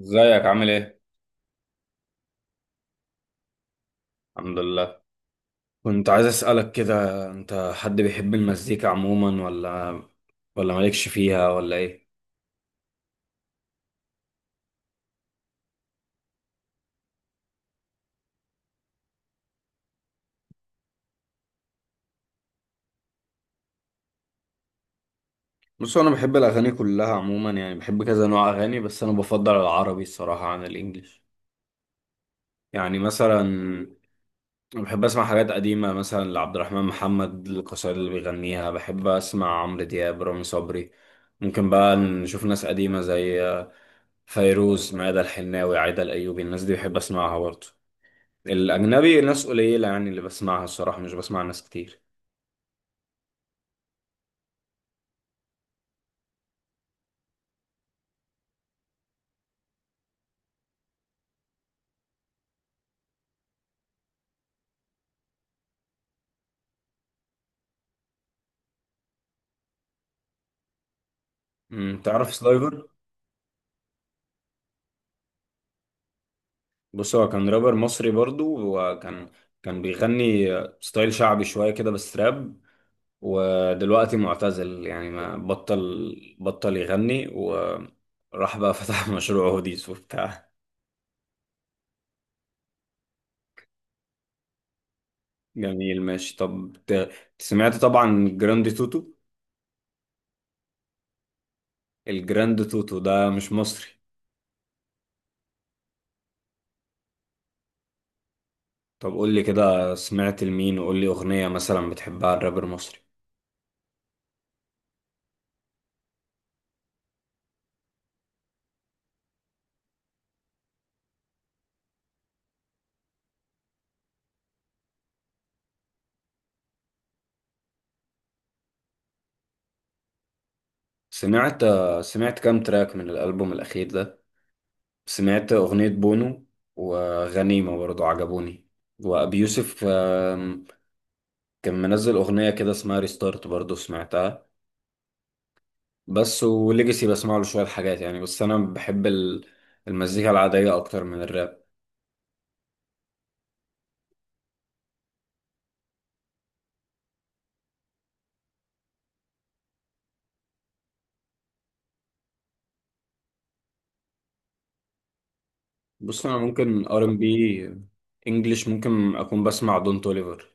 ازيك عامل ايه؟ الحمد لله. كنت عايز اسألك كده، انت حد بيحب المزيكا عموما ولا مالكش فيها ولا ايه؟ بص انا بحب الاغاني كلها عموما، يعني بحب كذا نوع اغاني، بس انا بفضل العربي الصراحة عن الانجليش. يعني مثلا أنا بحب اسمع حاجات قديمة، مثلا لعبد الرحمن محمد القصائد اللي بيغنيها، بحب اسمع عمرو دياب، رامي صبري. ممكن بقى نشوف ناس قديمة زي فيروز، ميادة الحناوي، عايدة الايوبي، الناس دي بحب اسمعها برضه. الأجنبي ناس قليلة يعني اللي بسمعها الصراحة، مش بسمع ناس كتير. تعرف سلايفر؟ بص هو كان رابر مصري برضو، وكان بيغني ستايل شعبي شوية كده بس راب، ودلوقتي معتزل، يعني ما بطل بطل يغني وراح بقى فتح مشروع هوديز وبتاع. جميل ماشي. سمعت طبعا جراند توتو؟ الجراند توتو ده مش مصري. طب قول لي كده سمعت لمين، وقول لي أغنية مثلا بتحبها الرابر المصري. سمعت سمعت كام تراك من الألبوم الأخير ده؟ سمعت أغنية بونو وغنيمة برضو، عجبوني. وأبي يوسف كان منزل أغنية كده اسمها ريستارت برضو، سمعتها؟ بس وليجاسي بسمع له شوية حاجات يعني، بس أنا بحب المزيكا العادية أكتر من الراب. بص أنا ممكن ار ام بي. انجلش ممكن أكون بسمع دون توليفر.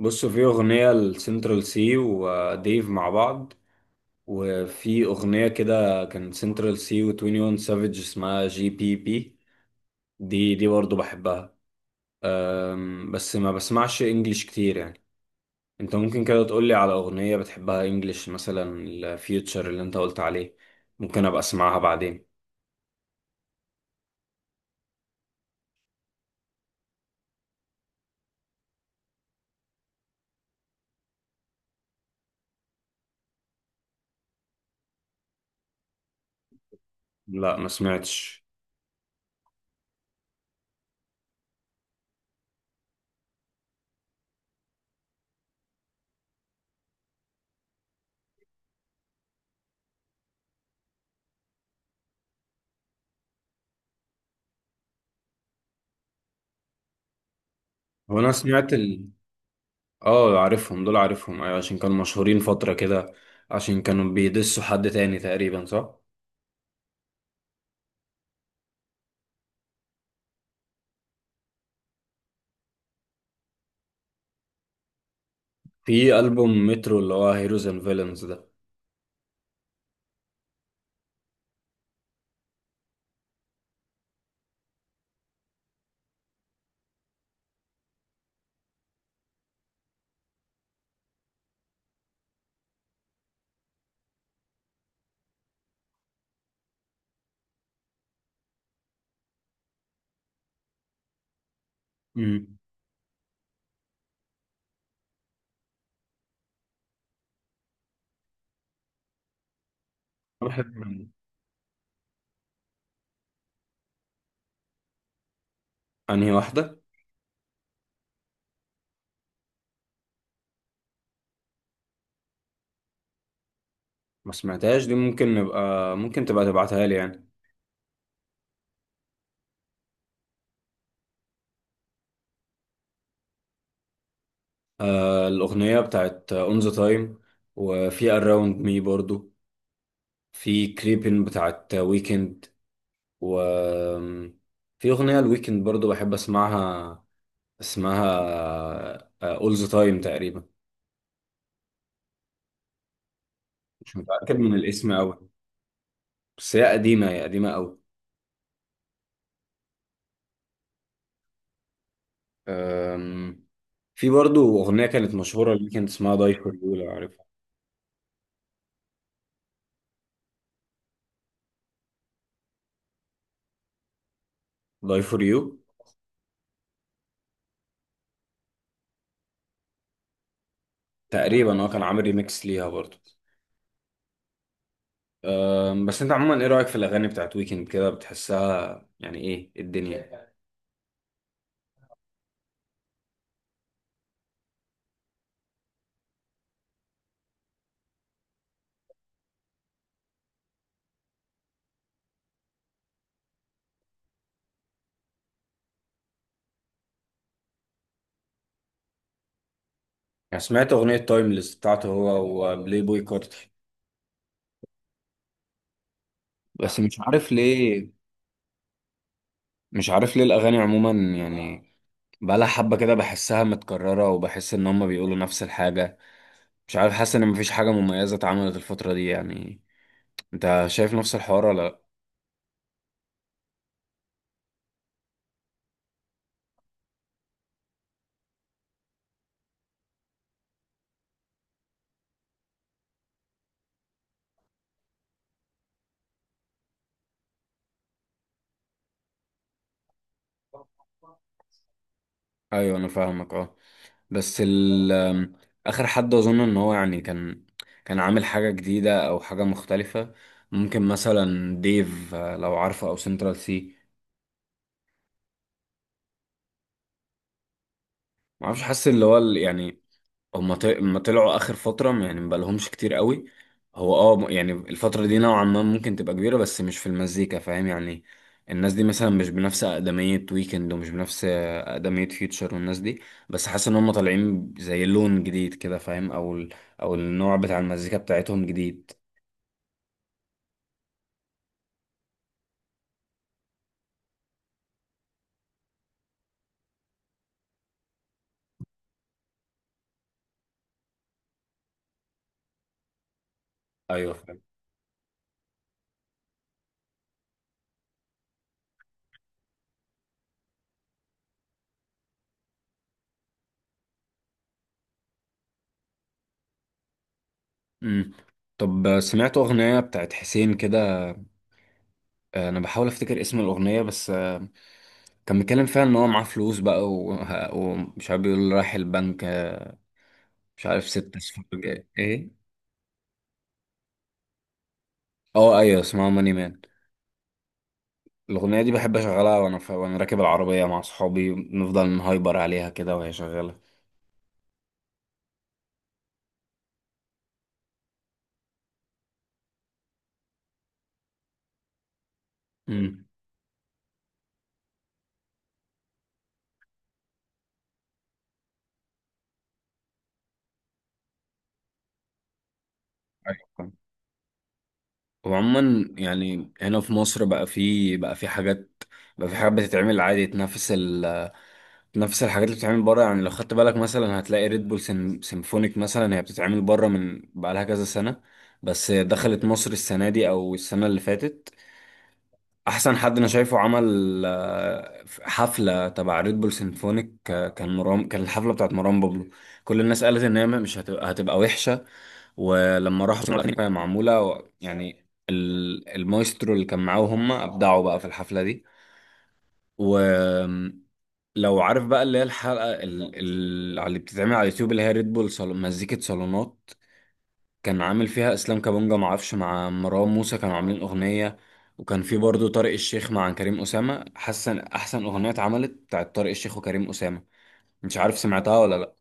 بص في أغنية لسنترال سي وديف مع بعض، وفي أغنية كده كان سنترال سي و21 سافيج اسمها جي بي بي، دي برضه بحبها. بس ما بسمعش انجليش كتير يعني. انت ممكن كده تقولي على أغنية بتحبها انجليش، مثلا الفيوتشر اللي انت قلت عليه، ممكن أبقى أسمعها بعدين. لا ما سمعتش. هو أنا سمعت ال... اه عارفهم دول، عارفهم أيوة، عشان كانوا مشهورين فترة كده، عشان كانوا بيدسوا حد تاني تقريبا صح؟ في ألبوم مترو اللي هو هيروز اند فيلنز ده. مم. أنا بحب، انهي واحدة؟ ما سمعتهاش دي، ممكن تبقى تبعتها لي يعني. آه الأغنية بتاعت اون ذا تايم، وفي اراوند مي برضو، في كريبين بتاعت ويكند، و في أغنية الويكند برضو بحب اسمعها، اسمها اول ذا تايم تقريبا، مش متأكد من الاسم أوي. بس هي قديمة أوي. آم، في برضو أغنية كانت مشهورة الويكند اسمها داي فور يو، لو عارفها. داي فور يو، تقريبا هو كان عامل ريميكس ليها برضو. بس انت عموما ايه رأيك في الاغاني بتاعت ويكند كده، بتحسها يعني ايه، إيه الدنيا؟ يعني سمعت اغنية تايمليس بتاعته هو وبلاي بوي كارتي، بس مش عارف ليه، مش عارف ليه الاغاني عموما يعني بقالها حبة كده بحسها متكررة، وبحس ان هما بيقولوا نفس الحاجة. مش عارف، حاسس ان مفيش حاجة مميزة اتعملت الفترة دي يعني، انت شايف نفس الحوار ولا لأ؟ ايوه انا فاهمك اه. بس ال آم، اخر حد اظن ان هو يعني كان عامل حاجه جديده او حاجه مختلفه، ممكن مثلا ديف، لو عارفه، او سنترال سي. ما اعرفش، حاسس اللي هو هما طلعوا اخر فتره، يعني مبقالهمش كتير قوي. هو اه، يعني الفتره دي نوعا ما ممكن تبقى كبيره، بس مش في المزيكا فاهم يعني. الناس دي مثلا مش بنفس اقدميه ويكند، ومش بنفس اقدميه فيوتشر والناس دي، بس حاسس ان هما طالعين زي لون جديد كده فاهم، او النوع بتاع المزيكا بتاعتهم جديد. ايوه فاهم. امم، طب سمعت اغنيه بتاعت حسين كده، انا بحاول افتكر اسم الاغنيه بس، كان بيتكلم فيها ان هو معاه فلوس بقى ومش عارف، بيقول رايح البنك، مش عارف ست اصفار جاي ايه. اه ايوه اسمها ماني مان. الاغنيه دي بحب اشغلها وانا راكب العربيه مع صحابي، نفضل نهايبر عليها كده وهي شغاله. امم، ايوه. وعموما يعني هنا في مصر بقى في حاجات بقى في حاجات بتتعمل عادي تنافس تنافس الحاجات اللي بتتعمل بره. يعني لو خدت بالك مثلا هتلاقي ريد بول سيمفونيك، مثلا هي بتتعمل بره من بقى لها كذا سنه، بس دخلت مصر السنه دي او السنه اللي فاتت. احسن حد انا شايفه عمل حفله تبع ريد بول سيمفونيك، كان مرام، كان الحفله بتاعت مروان بابلو. كل الناس قالت ان هي مش هتبقى وحشه، ولما راحوا سمعوا الاغاني وهي معموله يعني المايسترو اللي كان معاهم هم ابدعوا بقى في الحفله دي. ولو عارف بقى اللي هي الحلقه اللي بتتعمل على اليوتيوب، اللي هي ريد بول صالون مزيكه صالونات، كان عامل فيها اسلام كابونجا معرفش مع مروان موسى، كانوا عاملين اغنيه. وكان في برضه طارق الشيخ مع كريم اسامه، حسن احسن اغنيه اتعملت بتاعت طارق الشيخ وكريم اسامه، مش عارف سمعتها ولا لا.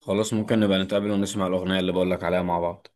خلاص ممكن نبقى نتقابل ونسمع الاغنيه اللي بقولك عليها مع بعض.